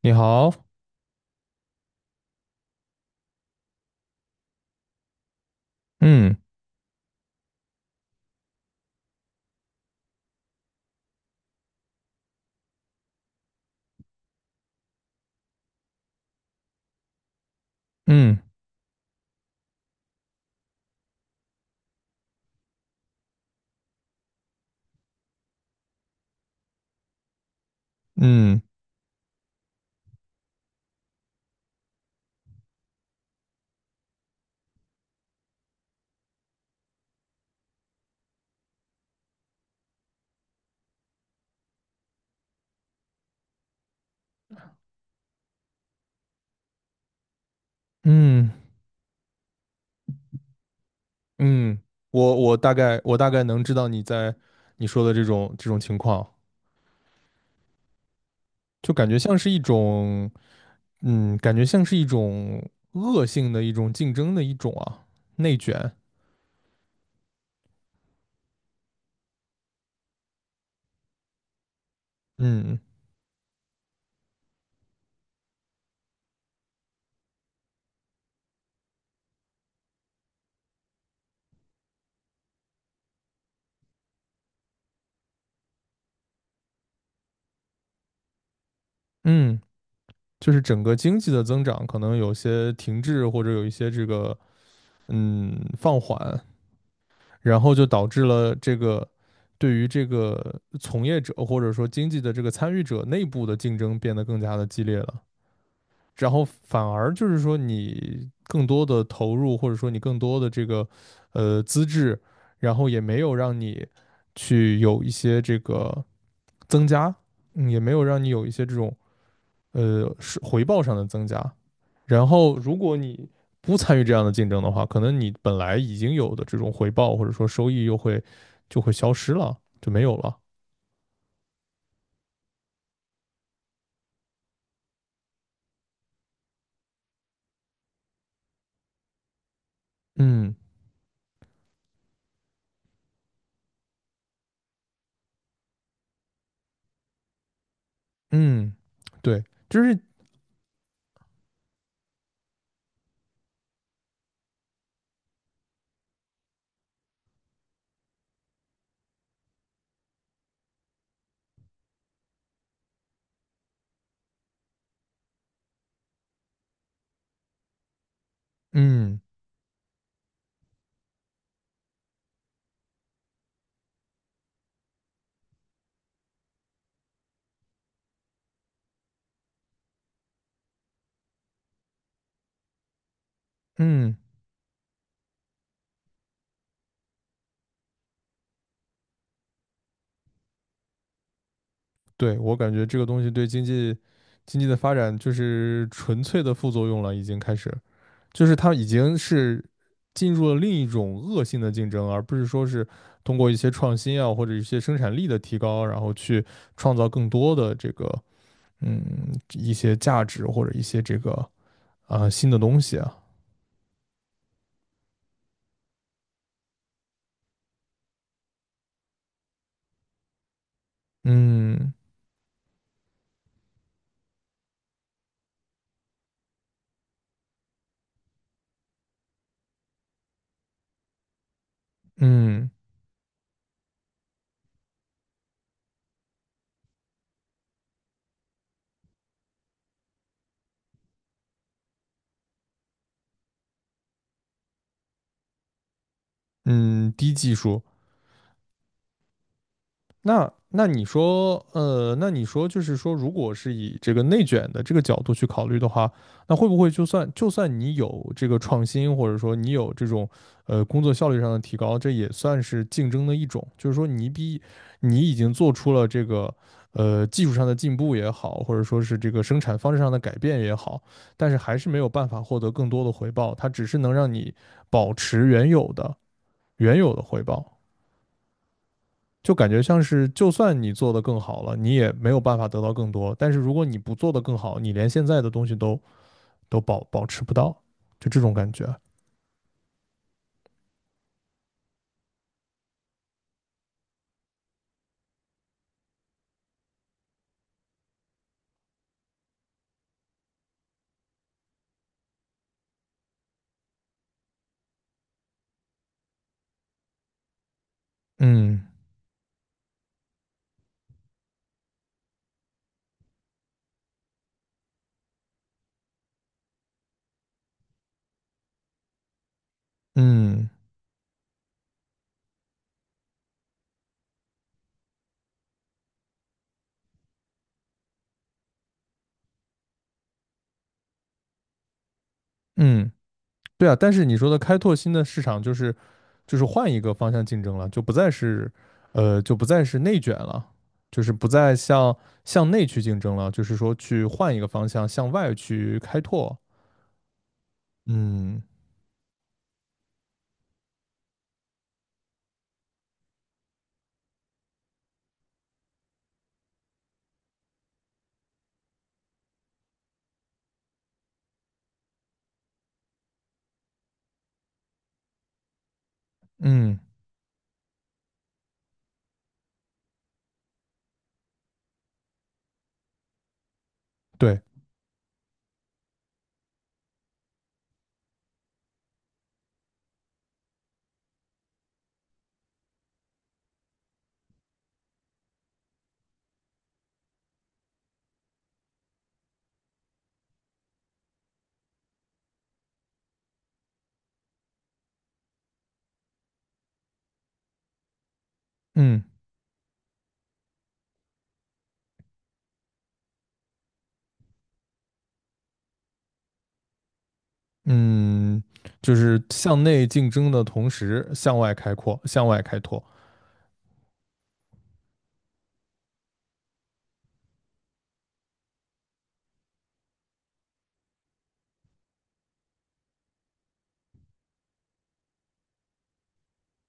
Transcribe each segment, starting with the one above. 你好，嗯嗯嗯嗯嗯，我大概能知道你说的这种情况，就感觉像是一种，感觉像是一种恶性的一种竞争的一种啊，内卷，嗯嗯，就是整个经济的增长可能有些停滞或者有一些这个放缓，然后就导致了这个对于这个从业者或者说经济的这个参与者内部的竞争变得更加的激烈了。然后反而就是说，你更多的投入或者说你更多的这个资质，然后也没有让你去有一些这个增加，也没有让你有一些这种是回报上的增加。然后，如果你不参与这样的竞争的话，可能你本来已经有的这种回报或者说收益就会消失了，就没有了。嗯嗯，对，就是嗯嗯，对，我感觉这个东西对经济的发展就是纯粹的副作用了，已经开始，就是它已经是进入了另一种恶性的竞争，而不是说是通过一些创新啊或者一些生产力的提高，然后去创造更多的这个一些价值或者一些这个啊、新的东西啊，嗯嗯嗯，低技术那你说就是说，如果是以这个内卷的这个角度去考虑的话，那会不会就算你有这个创新，或者说你有这种工作效率上的提高，这也算是竞争的一种，就是说你已经做出了这个技术上的进步也好，或者说是这个生产方式上的改变也好，但是还是没有办法获得更多的回报，它只是能让你保持原有的回报。就感觉像是，就算你做的更好了，你也没有办法得到更多。但是如果你不做的更好，你连现在的东西都保持不到，就这种感觉。嗯嗯嗯，对啊。但是你说的开拓新的市场，就是换一个方向竞争了，就不再是内卷了，就是不再向内去竞争了，就是说去换一个方向向外去开拓。嗯嗯，对，嗯。嗯，就是向内竞争的同时向外开拓。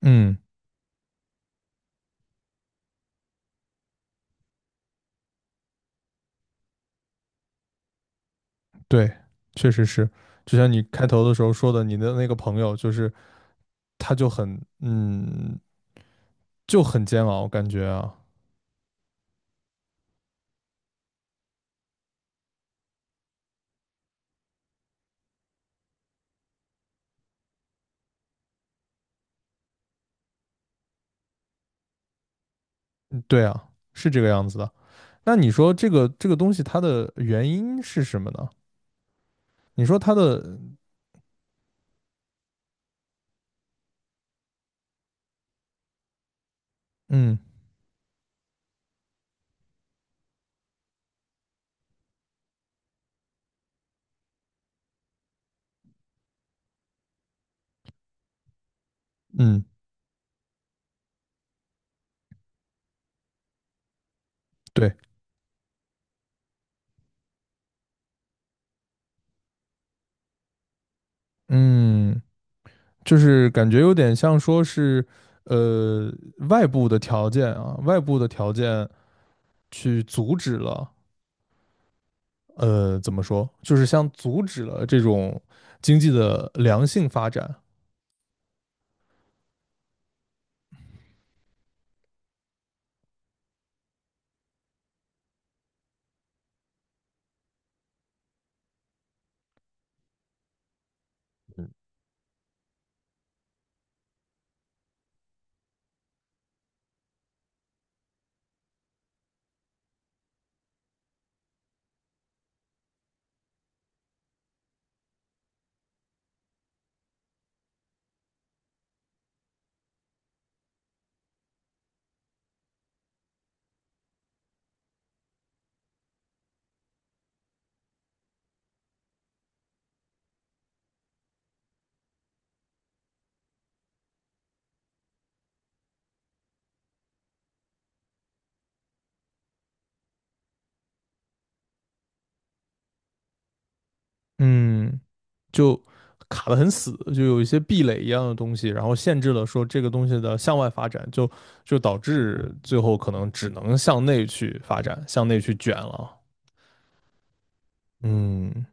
嗯，对，确实是。就像你开头的时候说的，你的那个朋友，就是他就很煎熬，感觉啊，对啊，是这个样子的。那你说这个东西它的原因是什么呢？你说它的，嗯嗯，对，嗯，就是感觉有点像说是，呃，外部的条件啊，外部的条件。去阻止了，怎么说，就是像阻止了这种经济的良性发展，嗯，就卡得很死，就有一些壁垒一样的东西，然后限制了说这个东西的向外发展，就导致最后可能只能向内去发展，向内去卷了，嗯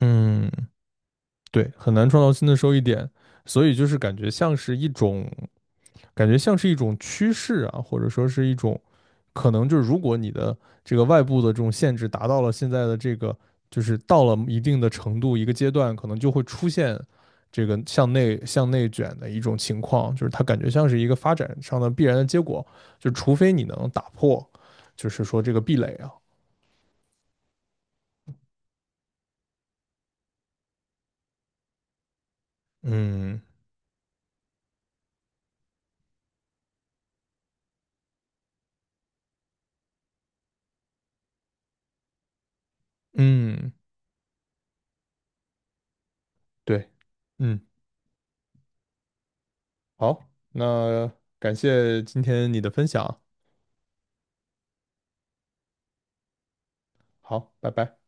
嗯，对，很难创造新的收益点，所以就是感觉像是一种趋势啊，或者说是一种可能，就是如果你的这个外部的这种限制达到了现在的这个，就是到了一定的程度一个阶段，可能就会出现这个向内卷的一种情况，就是它感觉像是一个发展上的必然的结果，就除非你能打破，就是说这个壁垒啊，嗯嗯，对，嗯，好，那感谢今天你的分享，好，拜拜。